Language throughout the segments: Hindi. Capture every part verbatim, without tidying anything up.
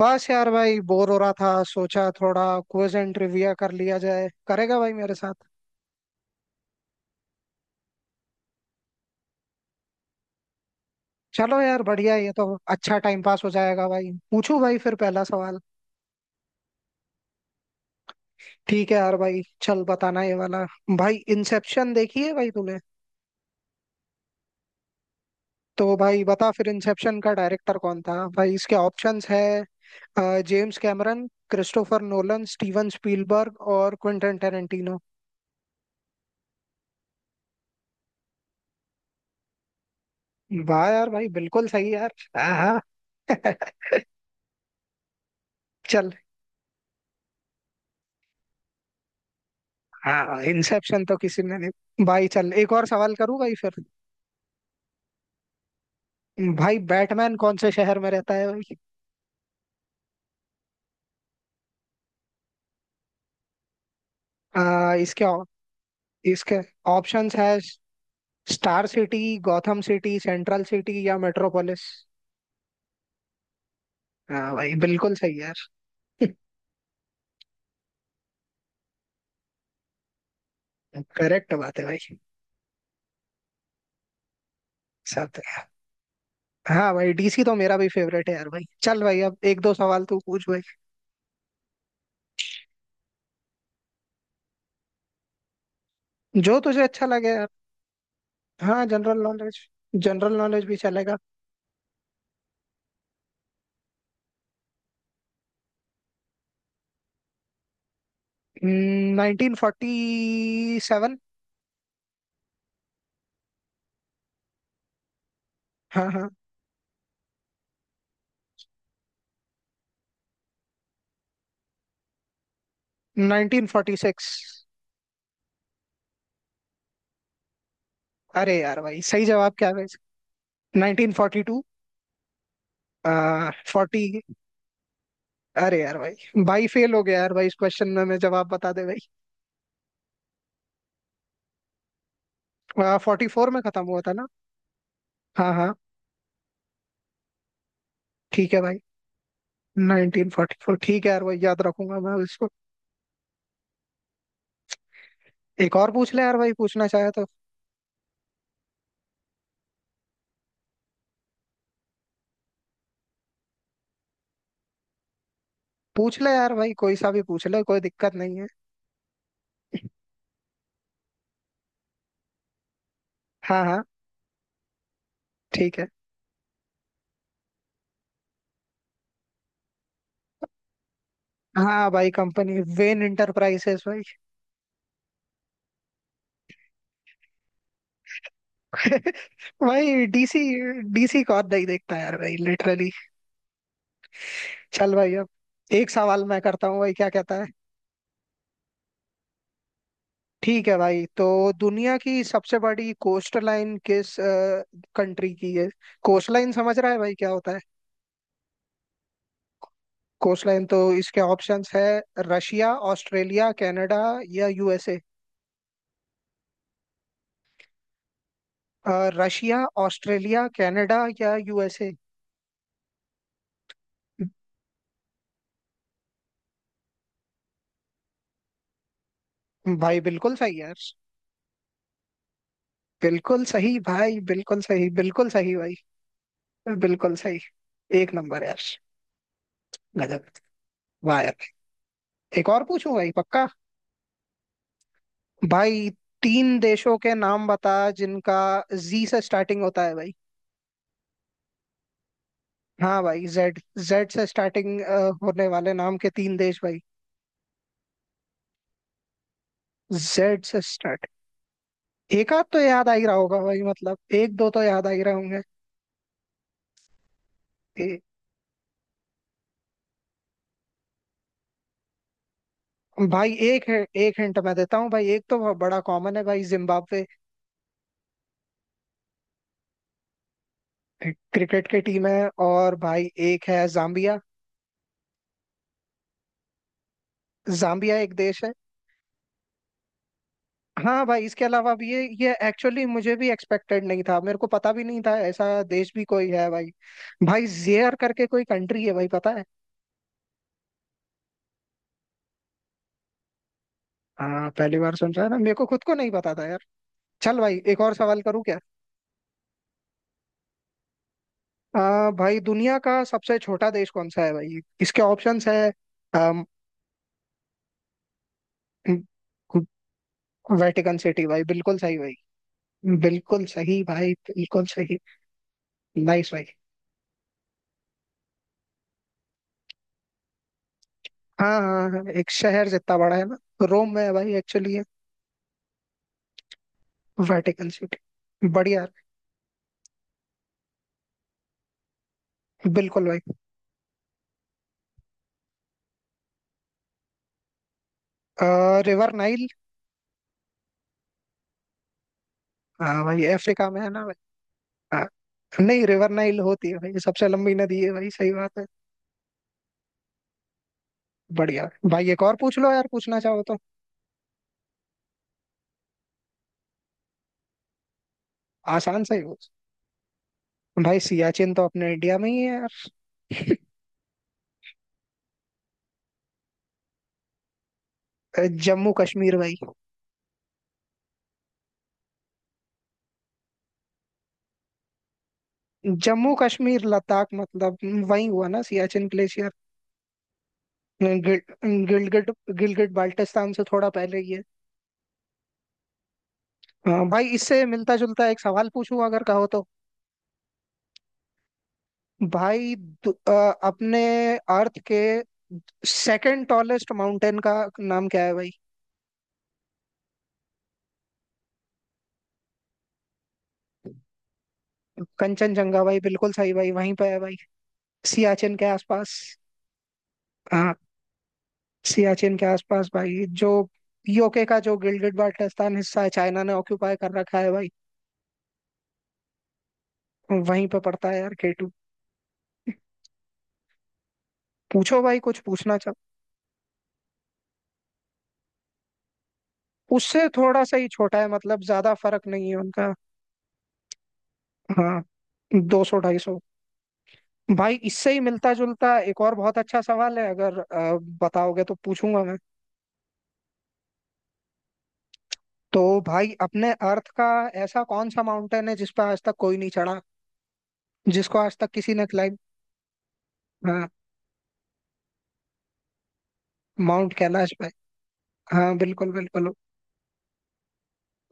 बस यार भाई बोर हो रहा था। सोचा थोड़ा क्विज एंड ट्रिविया कर लिया जाए। करेगा भाई मेरे साथ? चलो यार बढ़िया, ये तो अच्छा टाइम पास हो जाएगा भाई। पूछू भाई फिर पहला सवाल। ठीक है यार भाई, चल बताना ये वाला। भाई इंसेप्शन देखी है भाई तूने? तो भाई बता फिर, इंसेप्शन का डायरेक्टर कौन था भाई? इसके ऑप्शंस है - James Cameron, Christopher Nolan, Steven Spielberg और क्विंटन टेरेंटिनो। वाह यार भाई, बिल्कुल सही यार। आहा। चल। हाँ, इंसेप्शन तो किसी ने नहीं। भाई चल एक और सवाल करूँ भाई फिर। भाई बैटमैन कौन से शहर में रहता है भाई? आ, इसके ऑ- इसके ऑप्शंस है - star city, Gotham City, Central City या मेट्रोपोलिस। हाँ भाई बिल्कुल सही यार। करेक्ट बात है भाई। साथ। हाँ भाई, डीसी तो मेरा भी फेवरेट है यार। भाई चल भाई, अब एक दो सवाल तू पूछ भाई। जो तुझे अच्छा लगे यार। हाँ जनरल नॉलेज। जनरल नॉलेज भी चलेगा। Nineteen forty seven. हाँ हाँ, नाइनटीन फोर्टी सिक्स। अरे यार भाई, सही जवाब क्या है वैसे? Nineteen forty two. आ, फोर्टी। अरे यार भाई, भाई फेल हो गया यार भाई इस क्वेश्चन में। मैं, जवाब बता दे भाई। आ, फोर्टी फोर में खत्म हुआ था ना? हाँ हाँ। ठीक है भाई। नाइनटीन फोर्टी फोर ठीक है यार भाई, याद रखूंगा मैं इसको। एक और पूछ ले यार भाई, पूछना चाहे तो। पूछ ले यार भाई, कोई सा भी पूछ ले, कोई दिक्कत नहीं है। हाँ हाँ ठीक है। हाँ भाई, कंपनी वेन इंटरप्राइजेस भाई। भाई डीसी डीसी को नहीं देखता यार भाई लिटरली। चल भाई, अब एक सवाल मैं करता हूँ भाई, क्या कहता है? ठीक है भाई, तो दुनिया की सबसे बड़ी कोस्ट लाइन किस कंट्री की है? कोस्ट लाइन समझ रहा है भाई क्या होता है? कोस्ट लाइन तो। इसके ऑप्शंस है - रशिया, ऑस्ट्रेलिया, कनाडा या यूएसए। रशिया, ऑस्ट्रेलिया, कनाडा या यूएसए। भाई बिल्कुल सही यार। बिल्कुल सही भाई, बिल्कुल सही, बिल्कुल सही भाई। बिल्कुल सही। एक नंबर यार। गजब। वाह यार। एक और पूछूं भाई पक्का? भाई तीन देशों के नाम बता जिनका जी से स्टार्टिंग होता है भाई। हाँ भाई जेड। जेड से स्टार्टिंग होने वाले नाम के तीन देश भाई। जेड से स्टार्ट। एक आध तो याद आ ही रहा होगा भाई, मतलब एक दो तो याद आ ही रहे होंगे। ए, भाई एक है, एक हिंट मैं देता हूँ भाई। एक तो बहुत बड़ा कॉमन है भाई, जिम्बाब्वे। क्रिकेट की टीम है, और भाई एक है जाम्बिया। जाम्बिया एक देश है। हाँ भाई, इसके अलावा भी ये ये एक्चुअली मुझे भी एक्सपेक्टेड नहीं था, मेरे को पता भी नहीं था ऐसा देश भी कोई है भाई। भाई जेयर करके कोई कंट्री है भाई, पता है? हाँ पहली बार सुन रहा है ना, मेरे को खुद को नहीं पता था यार। चल भाई, एक और सवाल करूँ क्या? आ, भाई दुनिया का सबसे छोटा देश कौन सा है भाई? इसके ऑप्शंस है। अम, वेटिकन सिटी भाई बिल्कुल सही भाई। बिल्कुल सही भाई, बिल्कुल सही। नाइस भाई। हाँ हाँ हाँ, एक शहर जितना बड़ा है ना। रोम में है भाई, एक्चुअली है वेटिकन सिटी। बढ़िया। बिल्कुल भाई। आ, रिवर नाइल। हाँ भाई, अफ्रीका में है ना भाई? आ, नहीं, रिवर नाइल होती है भाई, सबसे लंबी नदी है भाई। सही बात है। बढ़िया भाई, एक और पूछ लो यार पूछना चाहो तो। आसान सा ही पूछ। भाई सियाचिन तो अपने इंडिया में ही है यार। अ, जम्मू कश्मीर भाई। जम्मू कश्मीर लद्दाख मतलब वही हुआ ना। सियाचिन ग्लेशियर। गिल- गिलगिट गिलगिट बाल्टिस्तान से थोड़ा पहले ही है। हाँ, भाई इससे मिलता जुलता एक सवाल पूछूं अगर कहो तो। भाई दु- अ, अपने अर्थ के सेकंड टॉलेस्ट माउंटेन का नाम क्या है भाई? कंचनजंगा भाई बिल्कुल सही भाई। वहीं पे है भाई, सियाचिन के आसपास। हाँ, सियाचिन के आसपास भाई। जो यूके का जो गिल्डेड बाल्टिस्तान हिस्सा है, चाइना ने ऑक्यूपाई कर रखा है भाई। वहीं पे पड़ता है यार, केटू। पूछो भाई, कुछ पूछना चाहो। उससे थोड़ा सा ही छोटा है मतलब, ज्यादा फर्क नहीं है उनका। हाँ, दो सौ ढाई सौ। भाई इससे ही मिलता जुलता एक और बहुत अच्छा सवाल है, अगर अ, बताओगे तो पूछूंगा मैं। तो भाई अपने अर्थ का ऐसा कौन सा माउंटेन है जिस पर आज तक कोई नहीं चढ़ा, जिसको आज तक किसी ने क्लाइंब। हाँ माउंट कैलाश पे। हाँ बिल्कुल बिल्कुल।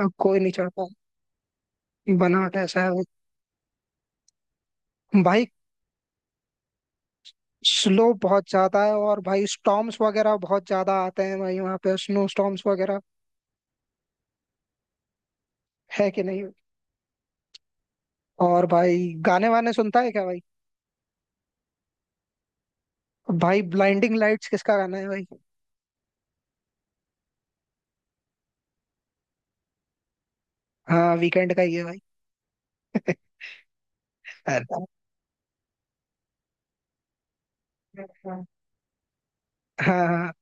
अ, कोई नहीं चढ़ पाया। बनावट ऐसा है वो। भाई स्लो बहुत ज्यादा है, और भाई स्टॉर्म्स वगैरह बहुत ज्यादा आते हैं भाई वहाँ पे, स्नो स्टॉर्म्स वगैरह। है कि नहीं? और भाई गाने वाने सुनता है क्या भाई? भाई ब्लाइंडिंग लाइट्स किसका गाना है भाई? हाँ वीकेंड का ही है भाई। अरे हाँ हाँ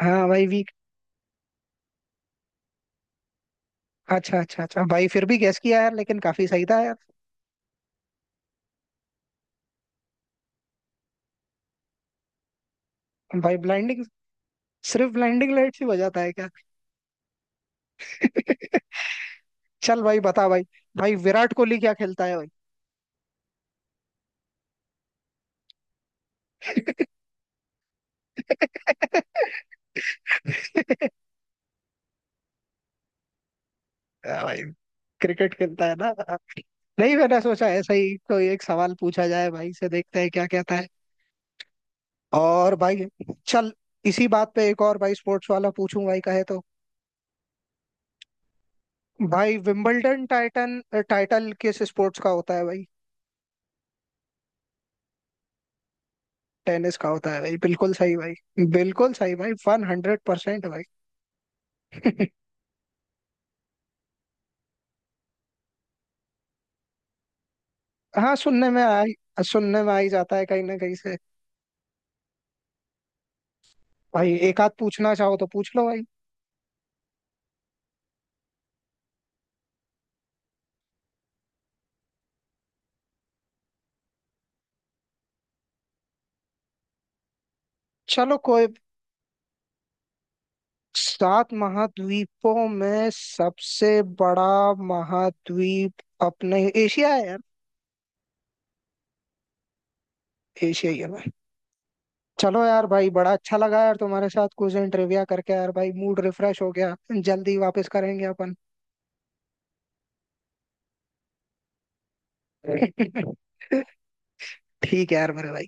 हाँ भाई वीक। अच्छा अच्छा अच्छा भाई, फिर भी गैस किया यार, लेकिन काफी सही था यार। भाई ब्लाइंडिंग, सिर्फ ब्लाइंडिंग लाइट से हो जाता है क्या? चल भाई बता भाई। भाई विराट कोहली क्या खेलता है भाई? हाँ भाई क्रिकेट खेलता है ना। नहीं, मैंने सोचा ऐसा ही कोई एक सवाल पूछा जाए भाई से, देखते हैं क्या कहता है। और भाई चल, इसी बात पे एक और भाई स्पोर्ट्स वाला पूछूं भाई कहे तो। भाई विंबलडन टाइटन, टाइटल किस स्पोर्ट्स का होता है भाई? टेनिस का होता है भाई, बिल्कुल सही भाई, बिल्कुल सही भाई, वन हंड्रेड परसेंट भाई। हाँ सुनने में आई, सुनने में आ ही जाता है कहीं ना कहीं से। भाई एक आध पूछना चाहो तो पूछ लो भाई। चलो कोई। सात महाद्वीपों में सबसे बड़ा महाद्वीप अपने एशिया है यार। एशिया ही है भाई। चलो यार भाई, बड़ा अच्छा लगा यार तुम्हारे साथ कुछ दिन ट्रिविया करके यार भाई, मूड रिफ्रेश हो गया। जल्दी वापस करेंगे अपन। ठीक है यार मेरे भाई।